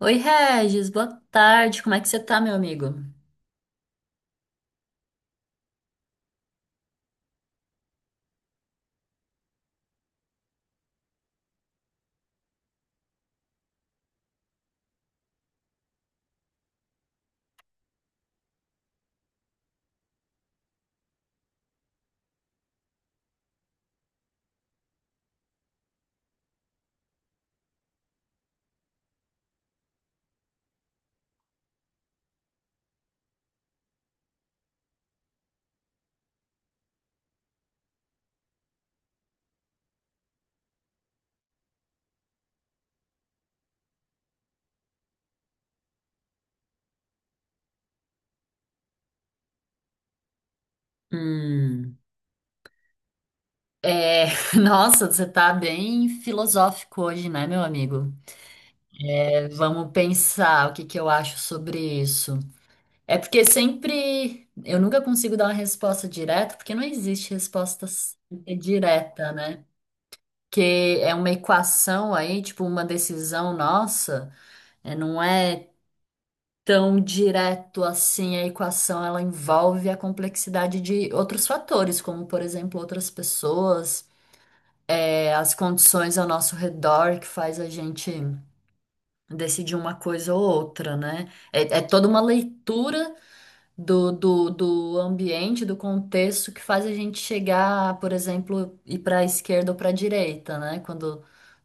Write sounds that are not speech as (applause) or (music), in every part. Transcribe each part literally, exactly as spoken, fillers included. Oi, Regis, boa tarde. Como é que você tá, meu amigo? Hum, é, (laughs) Nossa, você tá bem filosófico hoje, né, meu amigo? É, vamos pensar o que que eu acho sobre isso. É porque sempre eu nunca consigo dar uma resposta direta, porque não existe resposta s- direta, né? Que é uma equação aí, tipo uma decisão nossa, é, não é tão direto assim a equação. Ela envolve a complexidade de outros fatores, como, por exemplo, outras pessoas, é, as condições ao nosso redor que faz a gente decidir uma coisa ou outra, né? É, é toda uma leitura do, do, do ambiente, do contexto que faz a gente chegar, por exemplo, ir para a esquerda ou para a direita, né? Quando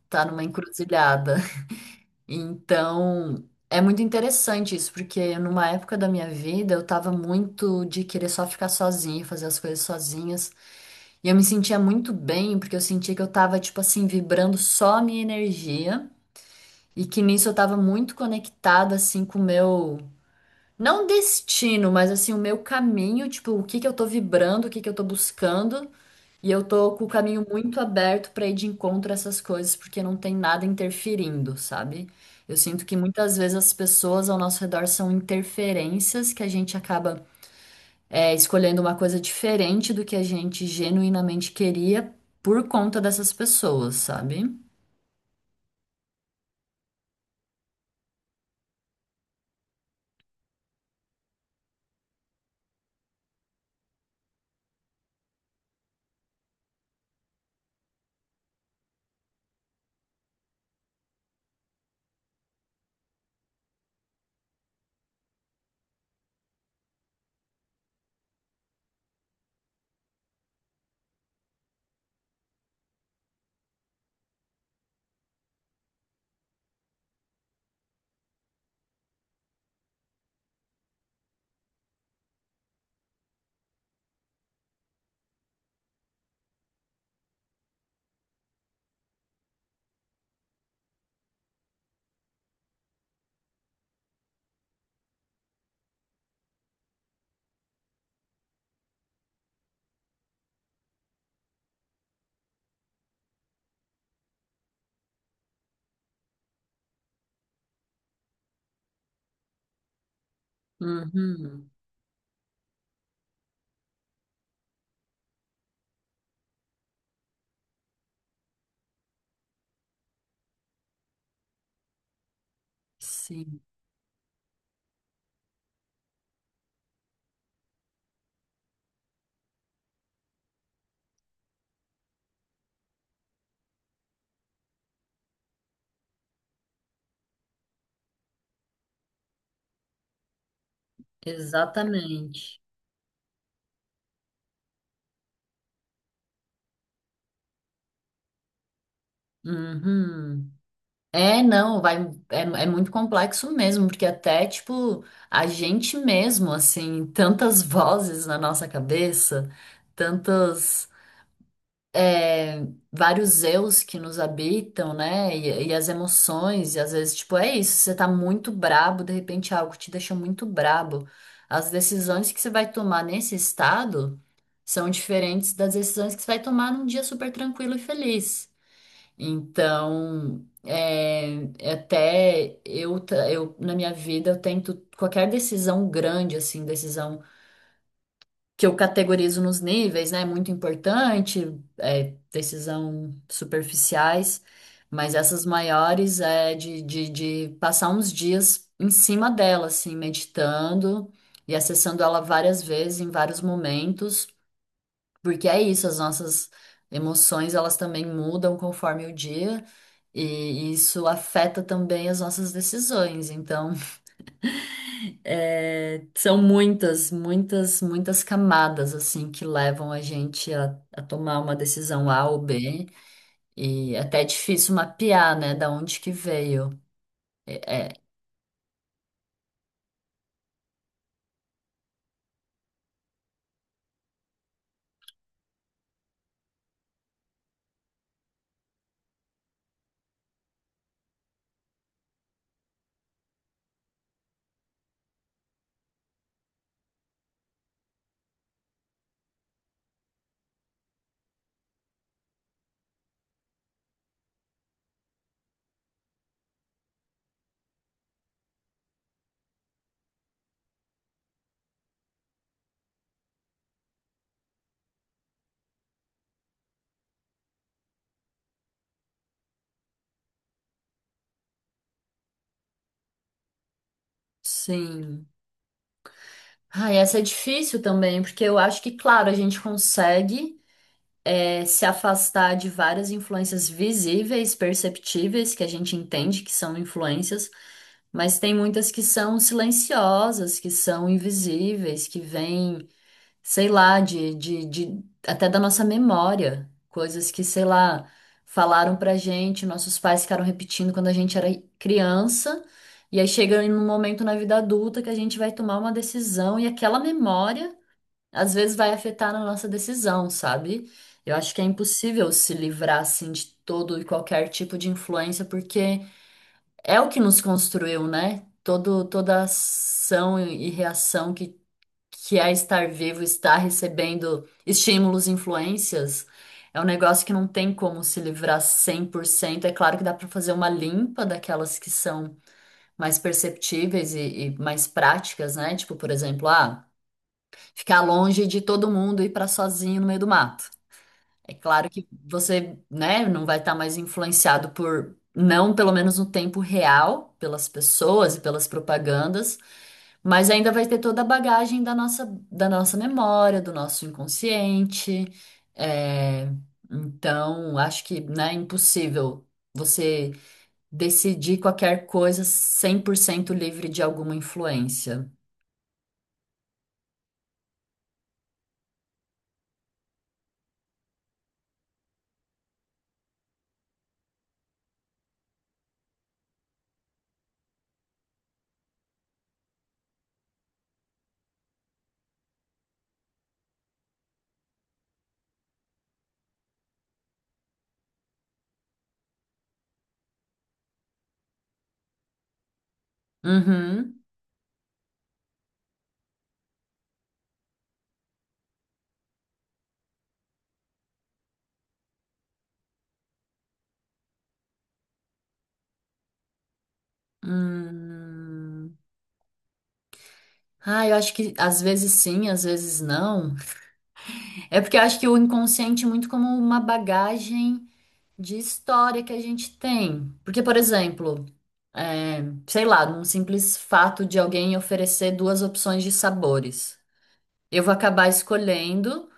tá numa encruzilhada. Então, é muito interessante isso, porque numa época da minha vida eu tava muito de querer só ficar sozinha, fazer as coisas sozinhas. E eu me sentia muito bem, porque eu sentia que eu tava, tipo assim, vibrando só a minha energia. E que nisso eu tava muito conectada, assim, com o meu. Não destino, mas assim, o meu caminho, tipo, o que que eu tô vibrando, o que que eu tô buscando. E eu tô com o caminho muito aberto para ir de encontro a essas coisas, porque não tem nada interferindo, sabe? Eu sinto que muitas vezes as pessoas ao nosso redor são interferências que a gente acaba é, escolhendo uma coisa diferente do que a gente genuinamente queria por conta dessas pessoas, sabe? Uhum. Sim, exatamente. Uhum. É, não, vai, é, é muito complexo mesmo, porque até, tipo, a gente mesmo, assim, (laughs) tantas vozes na nossa cabeça, tantas, é, vários eus que nos habitam, né, e, e as emoções, e às vezes, tipo, é isso, você tá muito brabo, de repente algo te deixa muito brabo. As decisões que você vai tomar nesse estado são diferentes das decisões que você vai tomar num dia super tranquilo e feliz. Então, é, é até eu, tra- eu, na minha vida, eu tento qualquer decisão grande, assim, decisão que eu categorizo nos níveis, né? Muito importante, é, decisão superficiais, mas essas maiores é de, de, de passar uns dias em cima dela, assim, meditando e acessando ela várias vezes, em vários momentos. Porque é isso, as nossas emoções, elas também mudam conforme o dia, e isso afeta também as nossas decisões. Então, (laughs) é, são muitas, muitas, muitas camadas, assim, que levam a gente a, a tomar uma decisão A ou B, e até é difícil mapear, né, da onde que veio. É, é, sim. Ah, essa é difícil também, porque eu acho que, claro, a gente consegue é, se afastar de várias influências visíveis, perceptíveis, que a gente entende que são influências, mas tem muitas que são silenciosas, que são invisíveis, que vêm, sei lá, de, de, de- até da nossa memória, coisas que, sei lá, falaram pra gente, nossos pais ficaram repetindo quando a gente era criança. E aí chega num momento na vida adulta que a gente vai tomar uma decisão e aquela memória às vezes vai afetar na nossa decisão, sabe? Eu acho que é impossível se livrar assim de todo e qualquer tipo de influência, porque é o que nos construiu, né? Todo, toda ação e reação que, que é estar vivo, estar recebendo estímulos, influências, é um negócio que não tem como se livrar cem por cento. É claro que dá para fazer uma limpa daquelas que são mais perceptíveis e, e mais práticas, né? Tipo, por exemplo, ah, ficar longe de todo mundo e ir para sozinho no meio do mato. É claro que você, né, não vai estar mais influenciado por, não pelo menos no tempo real, pelas pessoas e pelas propagandas, mas ainda vai ter toda a bagagem da nossa, da nossa memória, do nosso inconsciente. É, então, acho que, né, é impossível você decidir qualquer coisa cem por cento livre de alguma influência. Uhum. Hum. Ah, eu acho que às vezes sim, às vezes não. É porque eu acho que o inconsciente é muito como uma bagagem de história que a gente tem. Porque, por exemplo, é, sei lá, num simples fato de alguém oferecer duas opções de sabores. Eu vou acabar escolhendo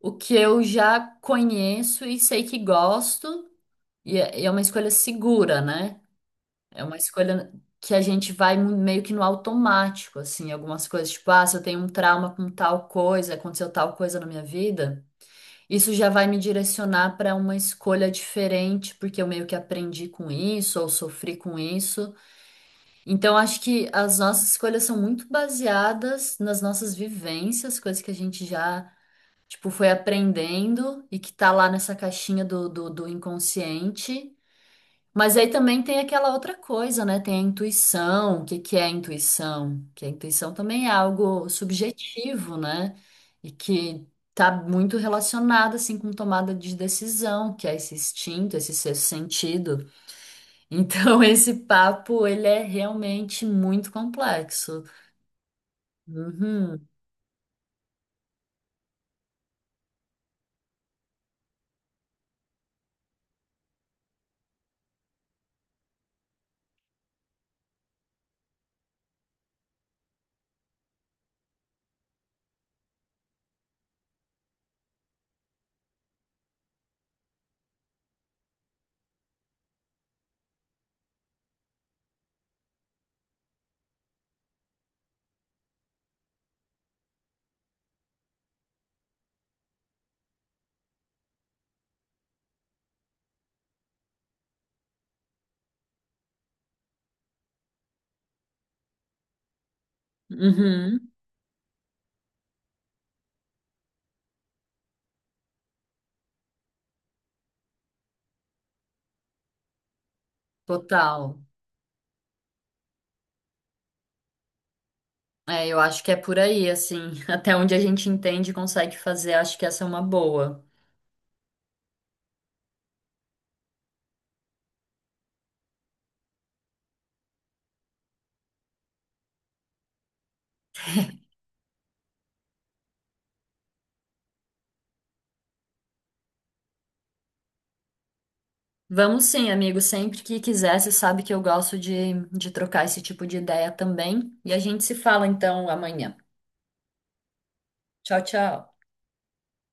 o que eu já conheço e sei que gosto, e é e é uma escolha segura, né? É uma escolha que a gente vai mu- meio que no automático, assim, algumas coisas, tipo, ah, se eu tenho um trauma com tal coisa, aconteceu tal coisa na minha vida, isso já vai me direcionar para uma escolha diferente, porque eu meio que aprendi com isso ou sofri com isso. Então, acho que as nossas escolhas são muito baseadas nas nossas vivências, coisas que a gente já, tipo, foi aprendendo e que tá lá nessa caixinha do, do do inconsciente. Mas aí também tem aquela outra coisa, né? Tem a intuição. O que que é a intuição? Que a intuição também é algo subjetivo, né? E que tá muito relacionado assim com tomada de decisão, que é esse instinto, esse sexto sentido. Então (laughs) esse papo ele é realmente muito complexo. Uhum, uhum, total. É, eu acho que é por aí, assim, (laughs) até onde a gente entende e consegue fazer, acho que essa é uma boa. Vamos sim, amigo. Sempre que quiser, você sabe que eu gosto de, de trocar esse tipo de ideia também. E a gente se fala então amanhã. Tchau, tchau.